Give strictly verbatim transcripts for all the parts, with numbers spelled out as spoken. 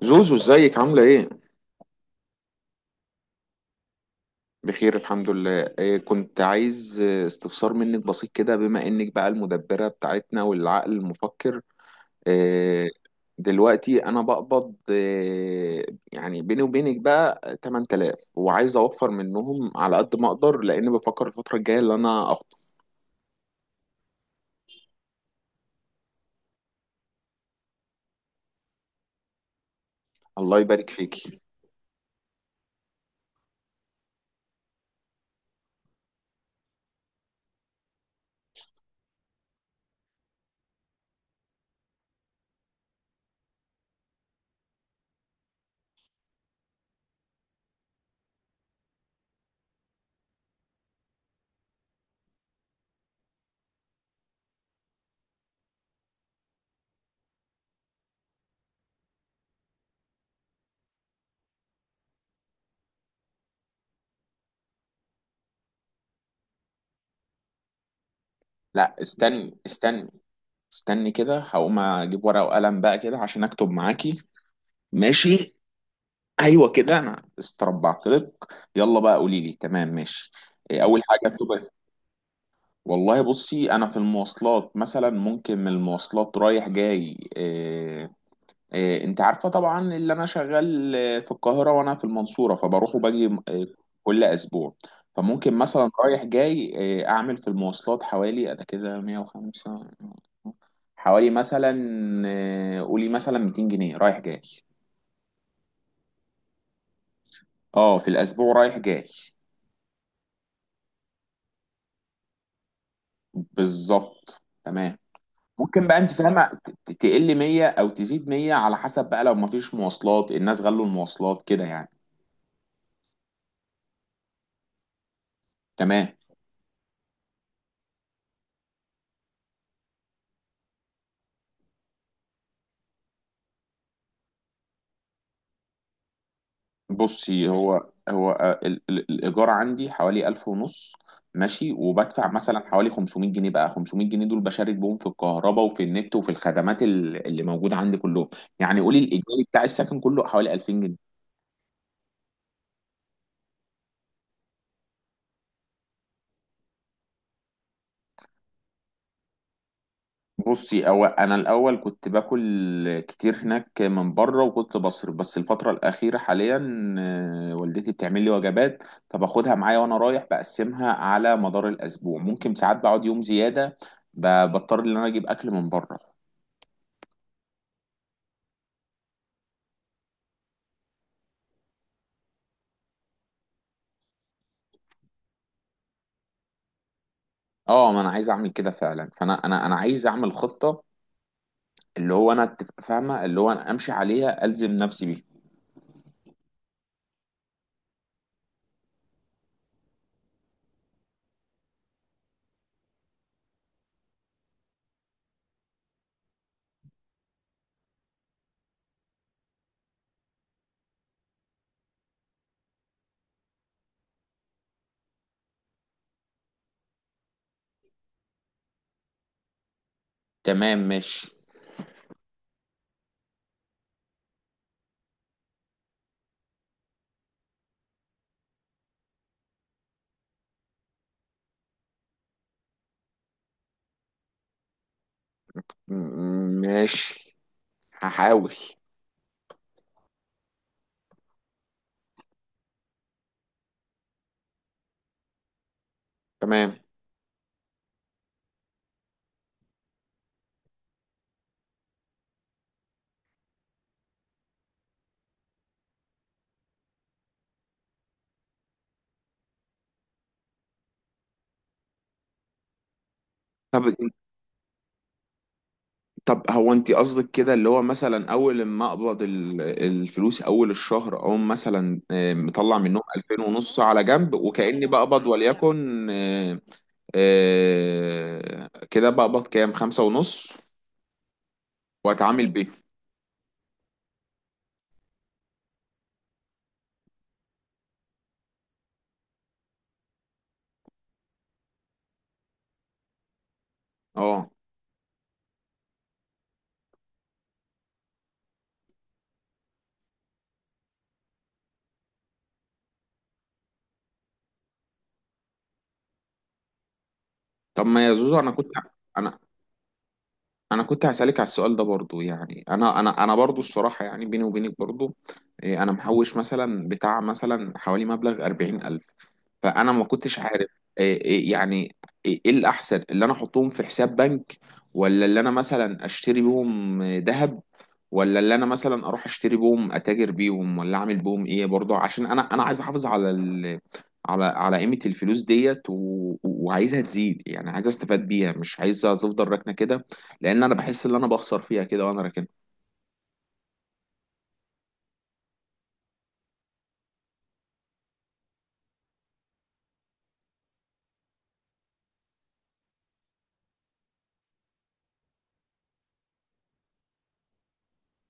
زوزو، ازيك؟ عاملة ايه؟ بخير الحمد لله. إيه، كنت عايز آه، استفسار منك بسيط كده، بما انك بقى المدبرة بتاعتنا والعقل المفكر. إيه دلوقتي انا بقبض؟ إيه يعني؟ بيني وبينك بقى تمنتلاف، وعايز اوفر منهم على قد ما اقدر، لان بفكر الفترة الجاية اللي انا اخطب. الله يبارك فيكي. لا، استني، استني استني كده، هقوم اجيب ورقة وقلم بقى كده عشان اكتب معاكي. ماشي. ايوه كده، انا استربعت لك. يلا بقى قولي لي. تمام، ماشي. إيه اول حاجه بتبقى؟ والله بصي، انا في المواصلات مثلا، ممكن من المواصلات رايح جاي إيه، إيه، انت عارفه طبعا اللي انا شغال آه، في القاهره وانا في المنصوره، فبروح وباجي آه، كل اسبوع. فممكن مثلا رايح جاي إيه اعمل في المواصلات حوالي انا كده مية وخمسة، حوالي مثلا، آه، قولي مثلا ميتين جنيه رايح جاي. اه، في الاسبوع رايح جاي. بالظبط، تمام. ممكن بقى، انت فاهمه، ت- تقل مية او تزيد مية، على حسب بقى لو مفيش مواصلات، الناس غلوا المواصلات كده يعني. تمام. بصي، هو هو آه، ال- ال- الايجار عندي حوالي ألف ونص. ماشي، وبدفع مثلا حوالي خمسمية جنيه، بقى خمسمية جنيه دول بشارك بهم في الكهرباء وفي النت وفي الخدمات ال- اللي موجوده عندي كلهم. يعني قولي الايجاري بتاع السكن كله حوالي ألفين جنيه. بصي، أو أنا الأول كنت باكل كتير هناك من بره وكنت بصرف، بس الفترة الأخيرة حاليا آه، والدتي بتعمل لي وجبات، فباخدها معايا وأنا رايح بقسمها على مدار الأسبوع. ممكن ساعات بقعد يوم زيادة، ب- بضطر إن أنا أجيب أكل من بره. اه، ما انا عايز اعمل كده فعلا، فانا انا انا عايز اعمل خطه، اللي هو انا أتف- فاهمه، اللي هو انا امشي عليها الزم نفسي بيها. تمام، ماشي. م- م- ماشي، هحاول. تمام. طب، طب هو انت قصدك كده، اللي هو مثلا اول ما اقبض ال- الفلوس اول الشهر، او مثلا، آه، مطلع منهم ألفين ونص على جنب وكأني بقبض، وليكن، آه، آه، كده بقبض كام؟ خمسة ونص، واتعامل بيه. اه. طب ما يا زوزو، انا كنت انا انا كنت هسألك على السؤال ده برضو. يعني انا انا انا برضو الصراحة، يعني بيني وبينك برضو، إيه، انا محوش مثلا بتاع مثلا حوالي مبلغ أربعين ألف، فانا ما كنتش عارف إيه. إيه يعني، ايه إيه الاحسن؟ اللي انا احطهم في حساب بنك؟ ولا اللي انا مثلا اشتري بيهم ذهب؟ ولا اللي انا مثلا اروح اشتري بيهم اتاجر بيهم، ولا اعمل بيهم ايه؟ برضو عشان انا انا عايز احافظ على ال... على على قيمة الفلوس ديت، و... وعايزها تزيد، يعني عايز استفاد بيها، مش عايزها تفضل راكنة كده، لان انا بحس ان انا بخسر فيها كده وانا راكنها.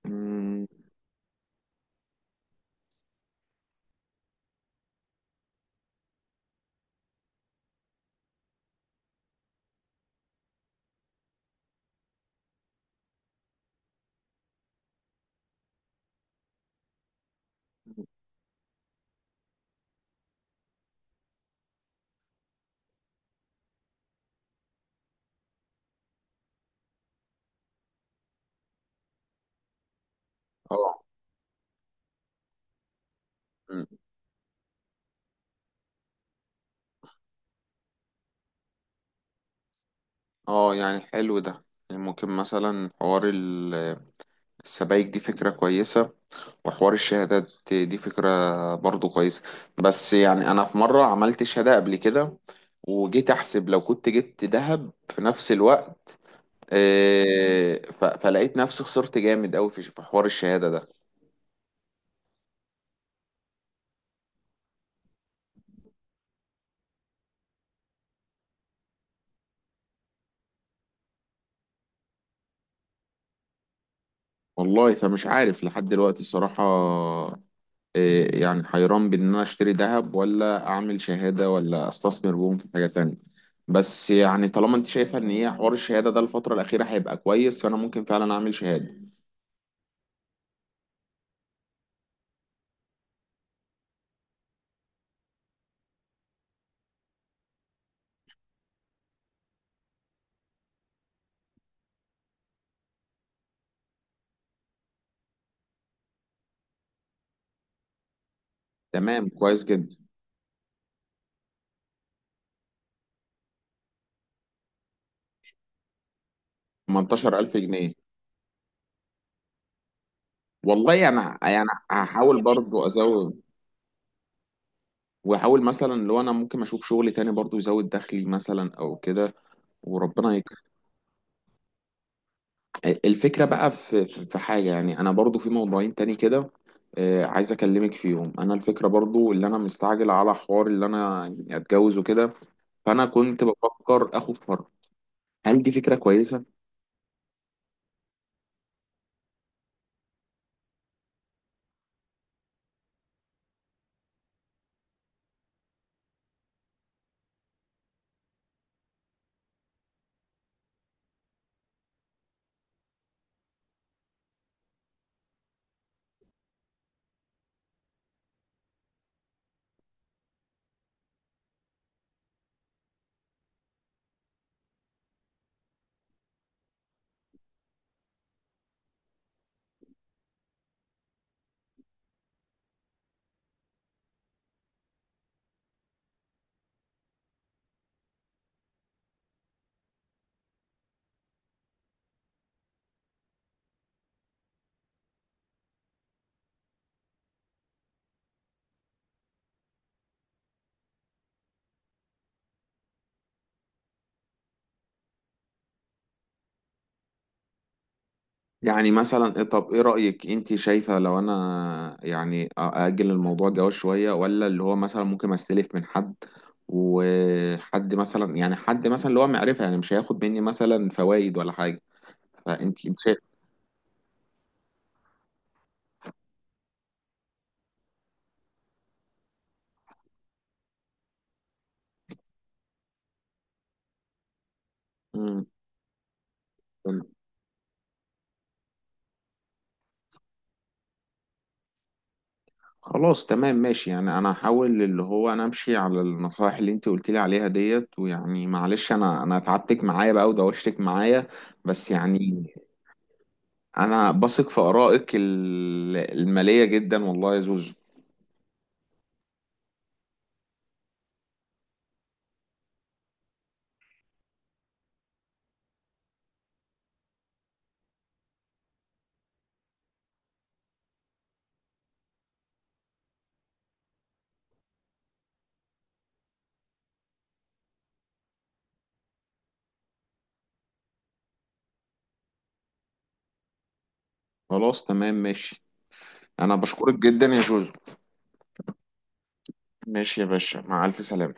مم. اه. مم. اه يعني حلو ده. يعني ممكن مثلا حوار ال- السبائك دي فكرة كويسة، وحوار الشهادات دي فكرة برضو كويسة. بس يعني أنا في مرة عملت شهادة قبل كده، وجيت أحسب لو كنت جبت ذهب في نفس الوقت، آه، ف- فلقيت نفسي خسرت جامد أوي في في حوار الشهادة ده. والله فمش عارف لحد دلوقتي الصراحة إيه. يعني حيران بين ان انا اشتري ذهب، ولا اعمل شهادة، ولا استثمر بهم في حاجة تانية. بس يعني طالما انت شايفة ان هي حوار الشهادة ده الفترة الأخيرة هيبقى كويس، فانا ممكن فعلا اعمل شهادة. تمام، كويس جدا. تمنتاشر ألف جنيه. والله انا يعني هحاول برضو ازود، واحاول مثلا لو انا ممكن اشوف شغل تاني برضو يزود دخلي مثلا او كده، وربنا. الفكرة بقى في في في حاجة، يعني أنا برضو في موضوعين تاني كده، آه، عايز أكلمك فيهم. أنا الفكرة برضو اللي أنا مستعجل على حوار اللي أنا يعني أتجوز وكده، فأنا كنت بفكر آخد فرع. هل دي فكرة كويسة؟ يعني مثلا إيه- طب إيه رأيك؟ أنت شايفة لو أنا يعني أ- أأجل الموضوع الجواز شوية، ولا اللي هو مثلا ممكن أستلف من حد، وحد مثلا يعني حد مثلا اللي هو معرفة يعني مش هياخد مني مثلا فوائد ولا حاجة، فأنت شايفة. خلاص، تمام، ماشي. يعني انا هحاول اللي هو انا امشي على النصائح اللي انت قلت لي عليها ديت، ويعني معلش انا انا تعبتك معايا بقى ودوشتك معايا. بس يعني انا بثق في ارائك ال- المالية جدا والله يا زوزو. خلاص تمام ماشي، انا بشكرك جدا يا زوزو. ماشي يا باشا، مع الف سلامة.